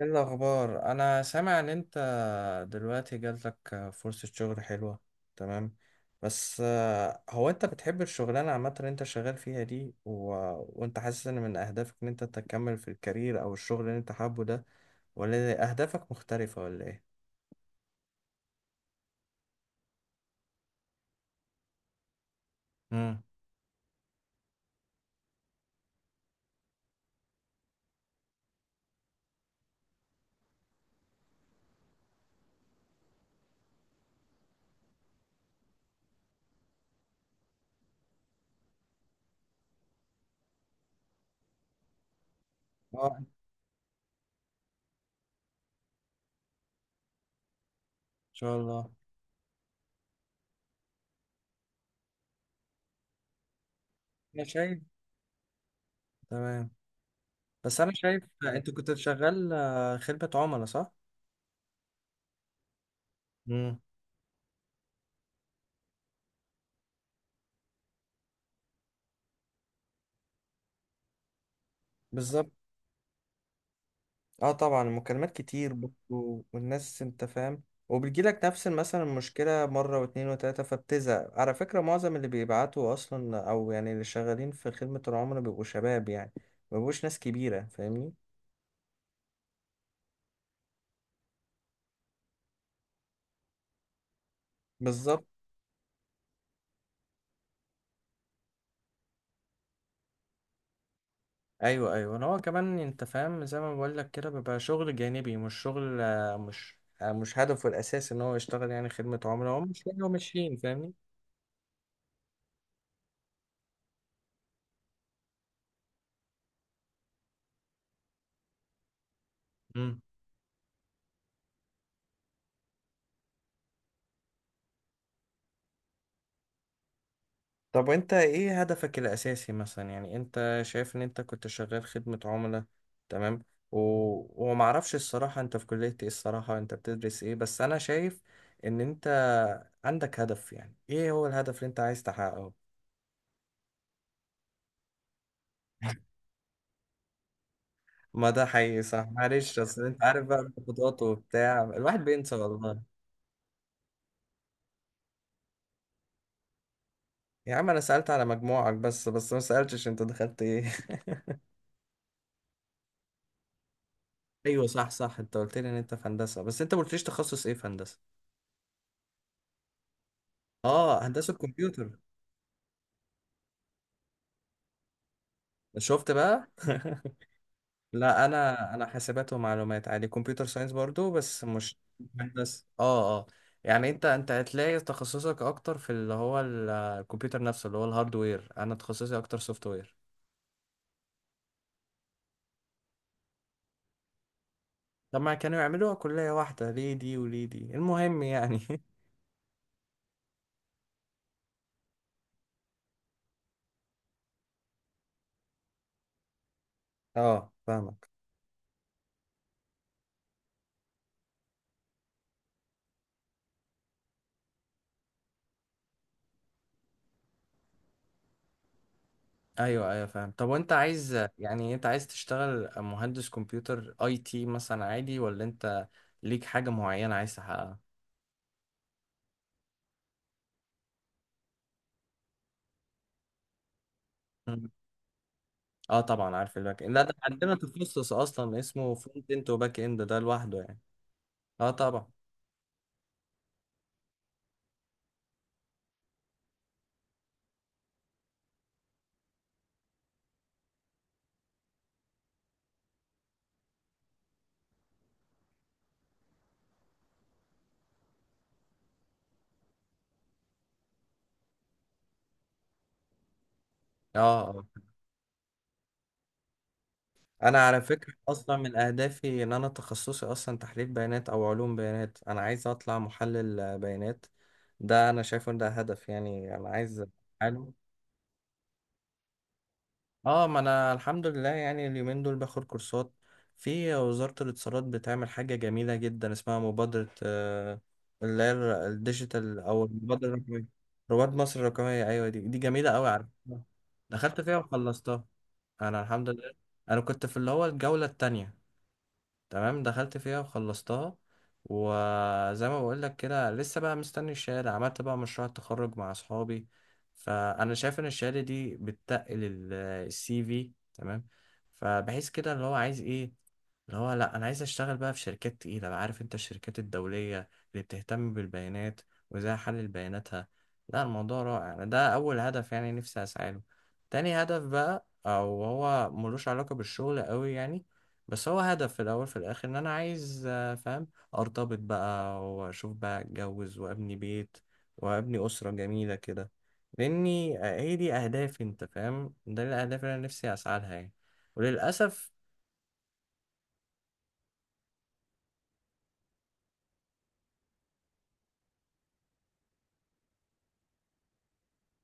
ايه الاخبار؟ انا سامع ان انت دلوقتي جاتلك فرصة شغل حلوة، تمام. بس هو انت بتحب الشغلانة عامة اللي انت شغال فيها دي وانت حاسس ان من اهدافك ان انت تكمل في الكارير او الشغل اللي انت حابه ده، ولا اهدافك مختلفة ولا ايه؟ امم. اه، ان شاء الله. انا شايف، تمام. بس انا شايف انت كنت شغال خدمة عملاء، صح؟ امم. بالظبط. اه طبعا المكالمات كتير برضه، والناس انت فاهم، وبتجيلك نفس مثلا المشكلة مرة واتنين وتلاتة فبتزهق. على فكرة معظم اللي بيبعتوا أصلا، أو يعني اللي شغالين في خدمة العملاء، بيبقوا شباب يعني، مبيبقوش ناس كبيرة، فاهمني؟ بالظبط. أيوه أيوه، أنا هو كمان أنت فاهم، زي ما بقول لك كده بيبقى شغل جانبي، مش شغل، مش هدفه الأساسي إن هو يشتغل يعني خدمة عملاء، هو مش هو ماشيين، فاهمني؟ مم. طب وانت ايه هدفك الاساسي مثلا؟ يعني انت شايف ان انت كنت شغال خدمة عملاء، تمام، و... ومعرفش الصراحة انت في كلية ايه، الصراحة انت بتدرس ايه، بس انا شايف ان انت عندك هدف. يعني ايه هو الهدف اللي انت عايز تحققه؟ ما ده حقيقي، صح، معلش اصل انت عارف بقى الضغوطات وبتاع، الواحد بينسى والله. يا عم انا سألت على مجموعك بس ما سألتش انت دخلت ايه. ايوه صح صح، انت قلت لي ان انت في هندسة، بس انت ما قلتليش تخصص ايه في هندسة. اه، هندسة كمبيوتر. شفت بقى. لا انا حاسبات ومعلومات، عادي كمبيوتر ساينس برضو، بس مش مهندس. اه اه، يعني انت هتلاقي تخصصك اكتر في اللي هو الكمبيوتر نفسه، اللي هو الهاردوير. انا تخصصي اكتر سوفت وير. لما كانوا يعملوها كلية واحدة، ليه دي وليه دي، المهم يعني. اه فاهمك. ايوه ايوه فاهم. طب وانت عايز، يعني انت عايز تشتغل مهندس كمبيوتر اي تي مثلا عادي، ولا انت ليك حاجة معينة عايز تحققها؟ اه طبعا عارف الباك اند، لا ده عندنا تخصص اصلا اسمه فرونت اند وباك اند، ده لوحده يعني. اه طبعا. اه اه. انا على فكره اصلا من اهدافي ان انا تخصصي اصلا تحليل بيانات او علوم بيانات، انا عايز اطلع محلل بيانات. ده انا شايفه ان ده هدف يعني انا عايز. اه، ما انا الحمد لله يعني اليومين دول باخد كورسات. في، وزارة الاتصالات بتعمل حاجة جميلة جدا اسمها مبادرة اللي هي الديجيتال، او المبادرة الرقمية. رواد مصر الرقمية، ايوه، دي جميلة قوي، عارف. دخلت فيها وخلصتها انا الحمد لله. انا كنت في اللي هو الجولة التانية، تمام، دخلت فيها وخلصتها. وزي ما بقول لك كده لسه بقى مستني الشهاده، عملت بقى مشروع التخرج مع اصحابي. فانا شايف ان الشهاده دي بتتقل السي في، تمام. فبحيث كده اللي هو عايز ايه، اللي هو لا انا عايز اشتغل بقى في شركات تقيله بقى، عارف انت الشركات الدوليه اللي بتهتم بالبيانات وازاي احلل بياناتها. لا الموضوع رائع. أنا ده اول هدف يعني نفسي اسعى له. تاني هدف بقى، او هو ملوش علاقه بالشغل قوي يعني، بس هو هدف في الاول في الاخر، ان انا عايز فاهم، ارتبط بقى واشوف بقى اتجوز وابني بيت، وابني اسره جميله كده. لاني هي دي اهدافي، انت فاهم، ده الاهداف اللي انا نفسي اسعى لها يعني. وللاسف،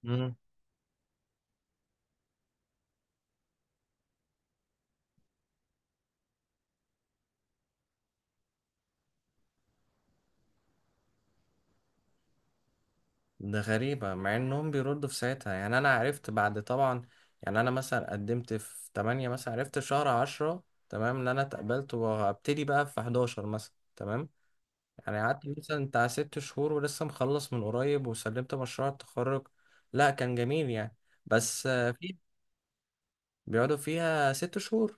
مم. ده غريبة مع انهم بيردوا في ساعتها. يعني انا عرفت بعد طبعا، يعني انا مثلا قدمت في 8، مثلا عرفت شهر 10 تمام ان انا اتقبلت، وهبتدي بقى في 11 مثلا، تمام. يعني قعدت مثلا بتاع 6 شهور، ولسه مخلص من قريب وسلمت مشروع التخرج. لا كان جميل يعني. بس في، بيقعدوا فيها 6 شهور،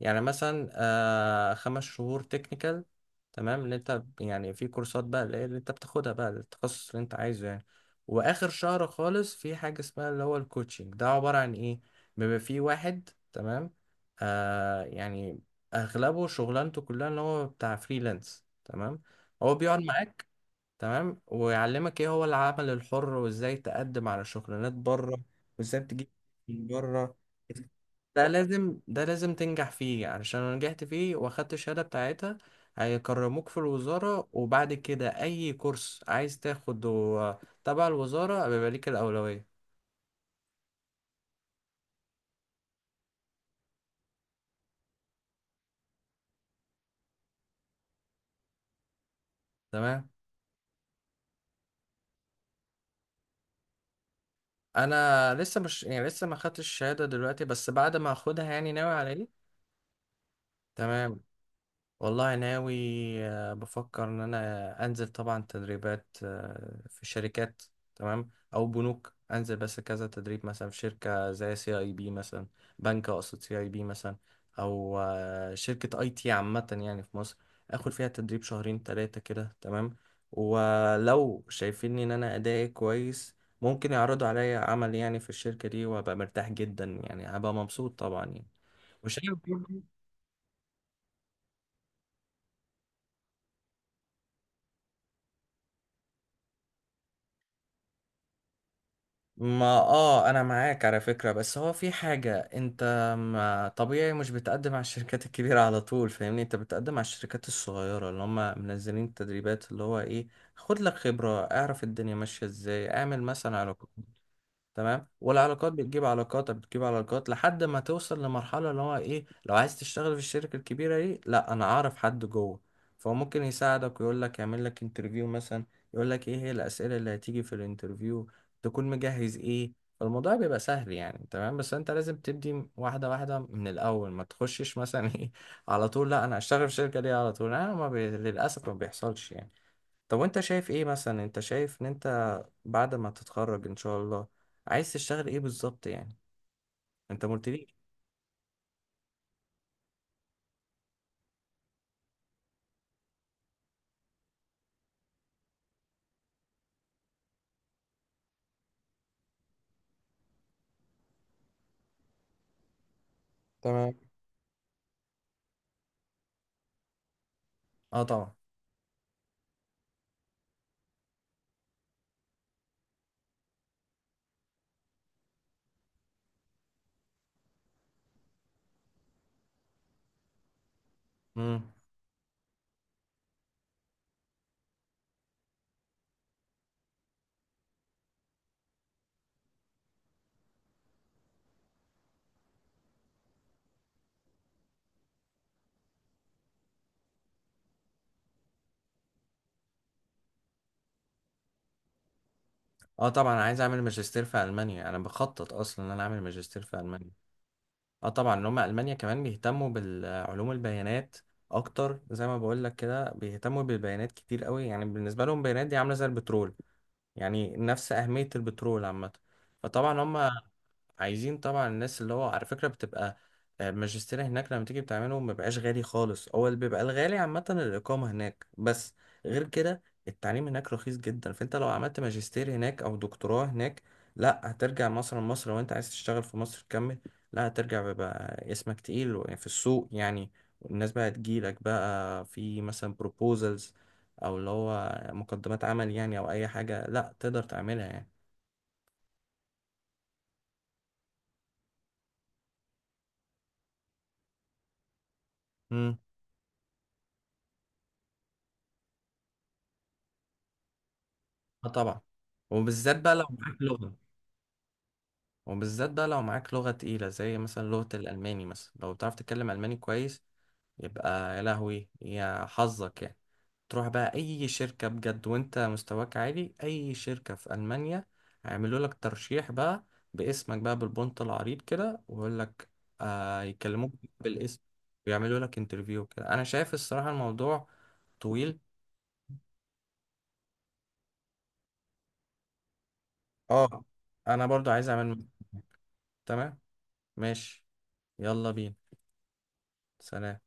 يعني مثلا 5 شهور تكنيكال، تمام، اللي انت يعني في كورسات بقى اللي انت بتاخدها بقى التخصص اللي انت عايزه يعني. واخر شهر خالص في حاجة اسمها اللي هو الكوتشنج، ده عبارة عن ايه؟ بيبقى في واحد، تمام، يعني اغلبه شغلانته كلها اللي هو بتاع فريلانس، تمام. هو بيقعد معاك تمام ويعلمك ايه هو العمل الحر، وازاي تقدم على شغلانات بره، وازاي تجيب من بره. ده لازم تنجح فيه، علشان لو نجحت فيه واخدت الشهادة بتاعتها هيكرموك في الوزارة، وبعد كده أي كورس عايز تاخده تبع الوزارة بيبقى ليك الأولوية. تمام. أنا لسه، مش يعني لسه ما خدتش الشهادة دلوقتي، بس بعد ما أخدها يعني ناوي على إيه. تمام. والله ناوي، بفكر ان انا انزل طبعا تدريبات في شركات، تمام، او بنوك، انزل بس كذا تدريب، مثلا في شركة زي سي اي بي مثلا، بنك اقصد سي اي بي مثلا، او شركة اي تي عامة يعني في مصر، اخد فيها تدريب شهرين ثلاثة كده، تمام. ولو شايفين ان انا ادائي كويس ممكن يعرضوا عليا عمل يعني في الشركة دي، وابقى مرتاح جدا يعني، هبقى مبسوط طبعا يعني. ما اه انا معاك على فكرة، بس هو في حاجة، انت ما طبيعي مش بتقدم على الشركات الكبيرة على طول، فاهمني. انت بتقدم على الشركات الصغيرة اللي هم منزلين التدريبات، اللي هو ايه، خد لك خبرة، اعرف الدنيا ماشية ازاي، اعمل مثلا علاقات، تمام. والعلاقات بتجيب علاقات، بتجيب علاقات لحد ما توصل لمرحلة اللي هو ايه، لو عايز تشتغل في الشركة الكبيرة دي، لا انا اعرف حد جوه، فهو ممكن يساعدك ويقول لك، يعمل لك انترفيو مثلا، يقول لك ايه هي الأسئلة اللي هتيجي في الانترفيو، تكون مجهز ايه. فالموضوع بيبقى سهل يعني، تمام، بس انت لازم تبدي واحدة واحدة من الأول، ما تخشش مثلا ايه على طول، لا انا هشتغل في الشركة دي على طول، انا ما بي... للأسف ما بيحصلش يعني. طب وانت شايف ايه مثلا؟ انت شايف ان انت بعد ما تتخرج ان شاء الله عايز تشتغل ايه بالظبط يعني؟ انت ما قلتليش. تمام. اه طبعا. امم. اه طبعا، انا عايز اعمل ماجستير في المانيا، انا بخطط اصلا ان انا اعمل ماجستير في المانيا. اه طبعا ان هم المانيا كمان بيهتموا بالعلوم البيانات اكتر، زي ما بقول لك كده بيهتموا بالبيانات كتير قوي يعني، بالنسبه لهم البيانات دي عامله زي البترول يعني، نفس اهميه البترول عامه. فطبعا هم عايزين طبعا الناس، اللي هو على فكرة بتبقى الماجستير هناك لما تيجي بتعمله ما بيبقاش غالي خالص، هو اللي بيبقى الغالي عامة الإقامة هناك بس، غير كده التعليم هناك رخيص جدا. فأنت لو عملت ماجستير هناك أو دكتوراه هناك، لا هترجع مثلا مصر، لو أنت عايز تشتغل في مصر تكمل، لا هترجع بيبقى اسمك تقيل في السوق يعني. والناس بقى تجيلك بقى في مثلا بروبوزلز، أو اللي هو مقدمات عمل يعني، أو أي حاجة لا تقدر تعملها يعني. اه طبعا. وبالذات بقى لو معاك لغة. وبالذات بقى لو معاك لغة تقيلة، زي مثلا لغة الألماني مثلا، لو بتعرف تتكلم ألماني كويس يبقى يا لهوي يا حظك يعني، تروح بقى أي شركة بجد وأنت مستواك عالي، أي شركة في ألمانيا هيعملوا لك ترشيح بقى باسمك بقى بالبنط العريض كده، ويقول لك يكلموك بالاسم ويعملوا لك انترفيو كده. أنا شايف الصراحة الموضوع طويل. اه، أنا برضو عايز أعمل، تمام، ماشي، يلا بينا، سلام.